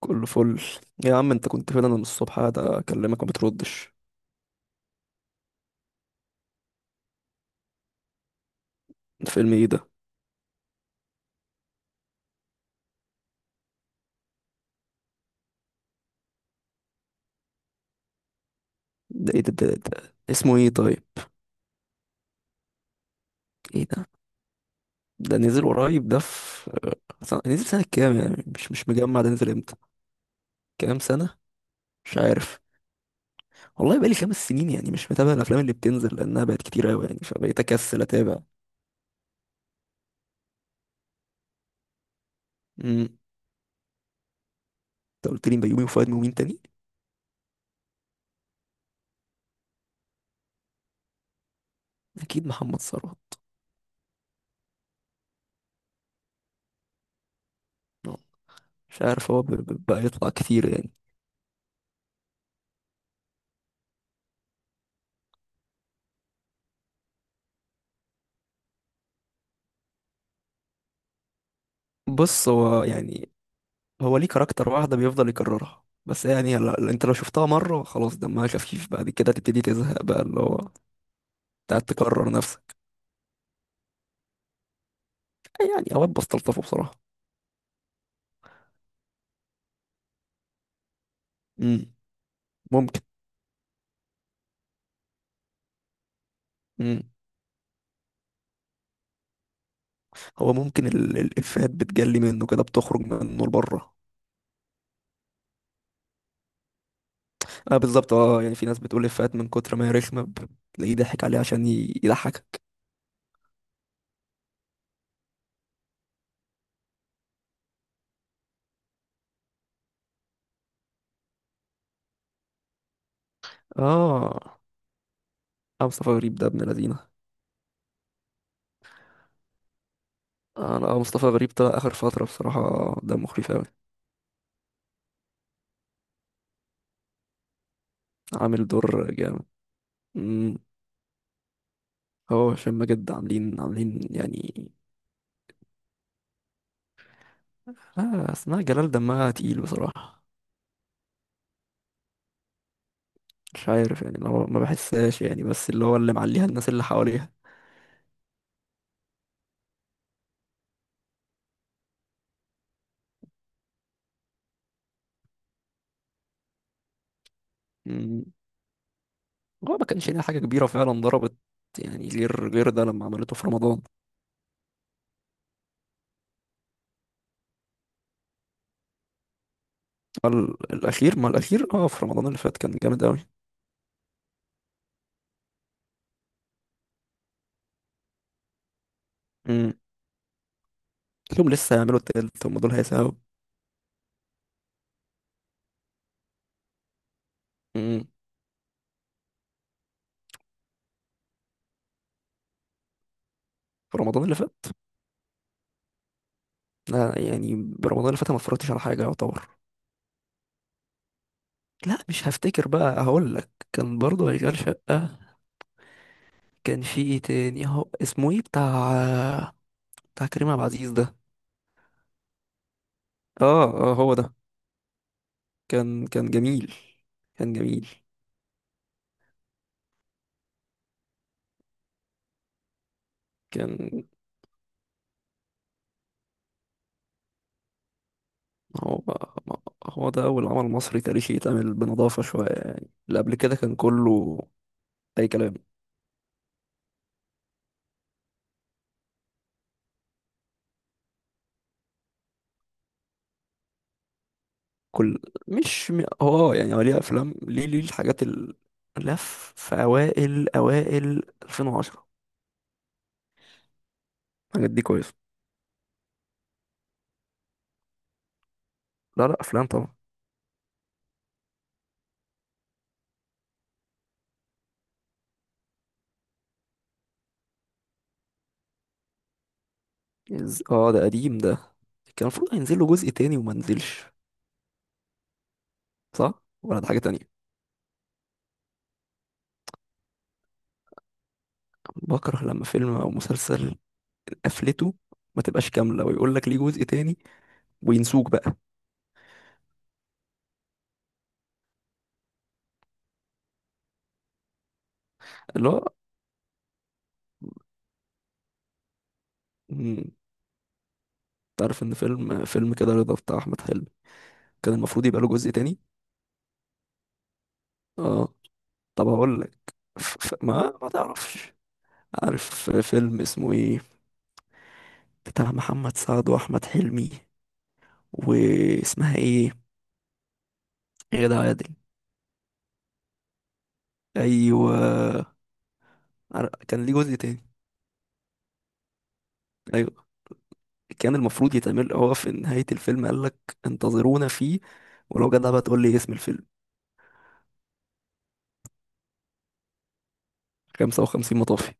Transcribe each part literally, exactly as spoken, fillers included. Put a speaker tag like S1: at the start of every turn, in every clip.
S1: كله فل. يا عم انت كنت فين؟ انا من الصبح قاعد اكلمك ما بتردش. الفيلم ايه ده؟ ده ايه ده, ده, ده اسمه ايه طيب؟ ايه ده؟ ده نزل قريب، ده في سنة... نزل سنة كام يعني؟ مش مش مجمع، ده نزل امتى؟ كام سنة؟ مش عارف. والله بقالي خمس سنين، يعني مش متابع الافلام اللي بتنزل لانها بقت كتير قوي، يعني فبقيت اكسل اتابع. امم انت قلت لي بيومي وفؤاد ومين تاني؟ اكيد محمد ثروت. اه، مش عارف هو ب- ب- بقى يطلع كتير يعني. بص هو يعني، هو ليه كاركتر واحدة بيفضل يكررها بس يعني، لا- لا، انت لو شفتها مرة خلاص دمها خفيف، بعد كده تبتدي تزهق بقى اللي هو تقعد تكرر نفسك. يعني اوقات بستلطفه بصراحة. امم ممكن. امم هو ممكن ال- الافيهات بتجلي منه كده، بتخرج منه لبره. اه بالظبط، اه يعني في ناس بتقول افيهات من كتر ما هي رخمة ب- تلاقيه ضحك عليها عشان ي- يضحكك. اه. اه مصطفى غريب ده ابن لذينه. اه لا، مصطفى غريب طلع اخر فترة بصراحة، ده مخيف اوي. عامل دور جامد. امم هو هشام ماجد عاملين عاملين يعني. لا، اسمها جلال دمها تقيل بصراحة. مش عارف يعني، اللي هو ما بحسهاش يعني، بس اللي هو اللي معليها الناس اللي حواليها. مم. هو ما كانش ليها حاجة كبيرة فعلا ضربت، يعني غير غير ده لما عملته في رمضان. ال- الأخير ما الأخير، اه في رمضان اللي فات كان جامد أوي. مم. لهم لسه هيعملوا التالت، هم دول هيساووا. مم. في رمضان اللي فات. لا يعني برمضان اللي فات أنا ما اتفرجتش على حاجة يعتبر. لا، مش هفتكر، بقى هقول لك كان برضه هيكل شقة. كان في ايه تاني؟ هو اسمه ايه بتاع بتاع كريم عبد العزيز ده؟ اه. اه هو ده. كان كان جميل. كان جميل. كان. هو هو ده أول عمل مصري تاريخي يتعمل بنظافة شوية، يعني اللي قبل كده كان كله أي كلام. كل. مش م- هو، آه يعني هو ليه أفلام، ليه ليه الحاجات ال- لف في في أوائل أوائل ألفين وعشرة، الحاجات دي كويسة. لا لا، أفلام طبعا. إز- اه ده قديم ده. كان المفروض هينزل له جزء تاني وما نزلش. صح ولا ده حاجة تانية؟ بكره لما فيلم أو مسلسل قفلته، ما تبقاش كاملة ويقول لك ليه جزء تاني وينسوك بقى اللي هو. مم، تعرف إن فيلم فيلم كده رضا بتاع أحمد حلمي كان المفروض يبقى له جزء تاني. اه، طب هقول لك. ف... ف... ما ما تعرفش، عارف فيلم اسمه ايه، بتاع محمد سعد وأحمد حلمي، واسمها ايه، غادة عادل؟ أيوه. عر- كان ليه جزء تاني. ايوه كان المفروض يتعمل، هو في نهاية الفيلم قال لك انتظرونا فيه، ولو جدع بقى تقول لي اسم الفيلم. خمسة وخمسين مطافي.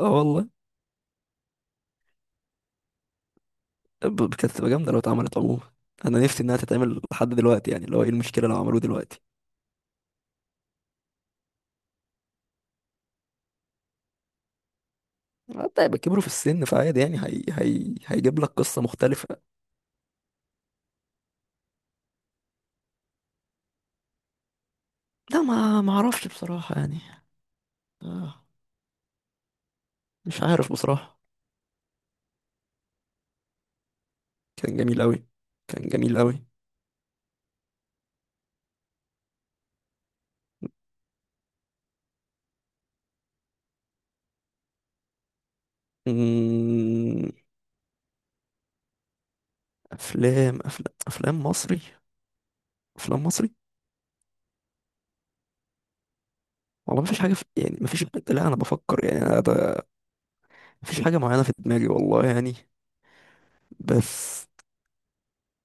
S1: اه والله. ب- ب- كانت تبقى جامدة لو اتعملت عموما. انا نفسي انها تتعمل لحد دلوقتي، يعني اللي هو ايه المشكلة لو عملوه دلوقتي؟ حتى يبقى كبروا في السن فعادي يعني، هي... هي... هيجيب لك قصة مختلفة. لا، ما ما اعرفش بصراحة يعني. آه، مش عارف بصراحة. كان جميل قوي. كان جميل قوي. أمم، افلام افلام افلام مصري. افلام مصري. والله مفيش حاجة في... يعني مفيش حاجة، لا أنا بفكر يعني، أنا ده... مفيش حاجة معينة في دماغي والله يعني. بس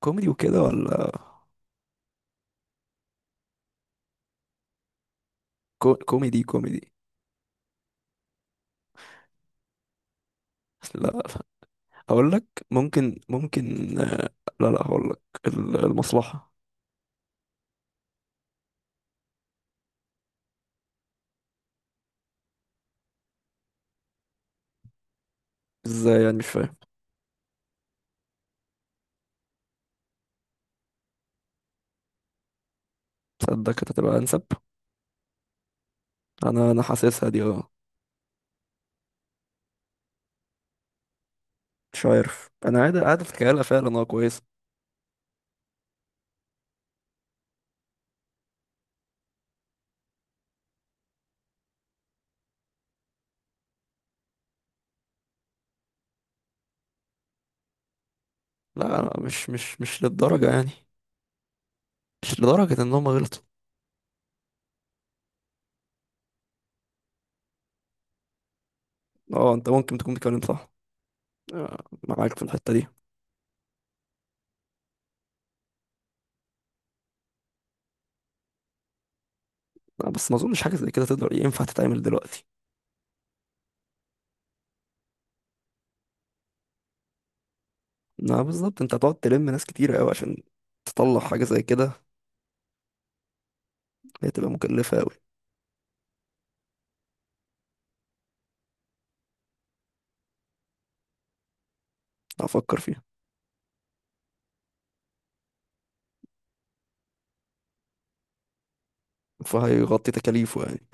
S1: كوميدي وكده ولا؟ كو... كوميدي كوميدي. لا لا. أقول لك. ممكن ممكن. آه، لا لا، هقول لك. ال- المصلحة. إزاي يعني؟ مش فاهم. تصدق كانت هتبقى أنسب. أنا أنا حاسسها دي، أه. مش عارف، أنا قاعد قاعد أتخيلها فعلا، أه كويسة. لا لا، مش مش مش للدرجة يعني. مش لدرجة إن هم غلطوا. أه أنت ممكن تكون بتتكلم صح. آه، معاك في الحتة دي. آه، بس ما اظنش حاجه زي كده تقدر ينفع تتعمل دلوقتي. آه، بالظبط. انت هتقعد تلم ناس كتيره قوي عشان تطلع حاجه زي كده، هي تبقى مكلفه قوي. افكر فيها. فهيغطي تكاليفه يعني.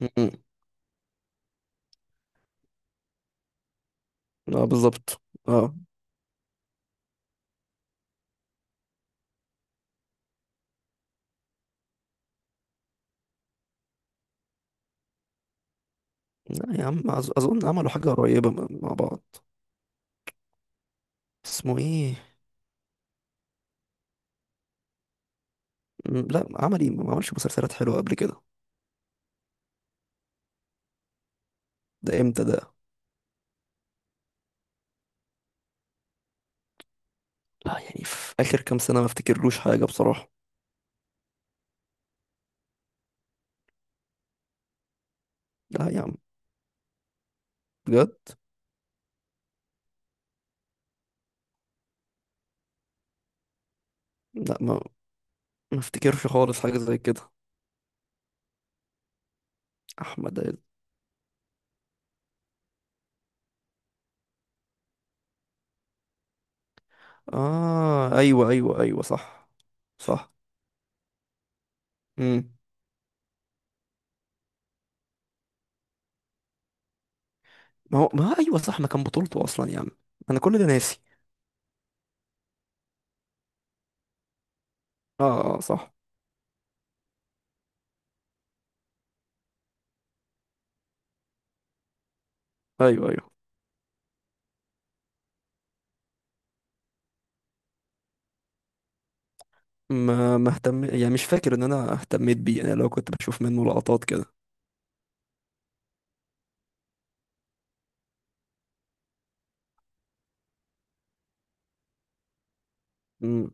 S1: م-م. اه بالظبط. اه. لا يا عم، أظ- اظن عملوا حاجه قريبه م- مع بعض. اسمه ايه؟ م، لا عمل ايه؟ ما عملش مسلسلات حلوه قبل كده؟ ده امتى ده؟ لا يعني في اخر كام سنه ما افتكرلوش حاجه بصراحه. لا يا عم، بجد. لا، ما ما افتكرش خالص حاجه زي كده. احمد. اه ايوه ايوه ايوه صح. صح. امم ما هو ما هو ايوه صح، ما كان بطولته اصلا يا عم. انا كل ده ناسي. اه اه آه، صح. ايوه ايوه. ما ما اهتم يعني، مش فاكر ان انا اهتميت بيه، انا لو كنت بشوف منه لقطات كده. امم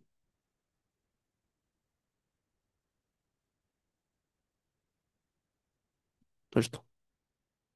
S1: قشطة.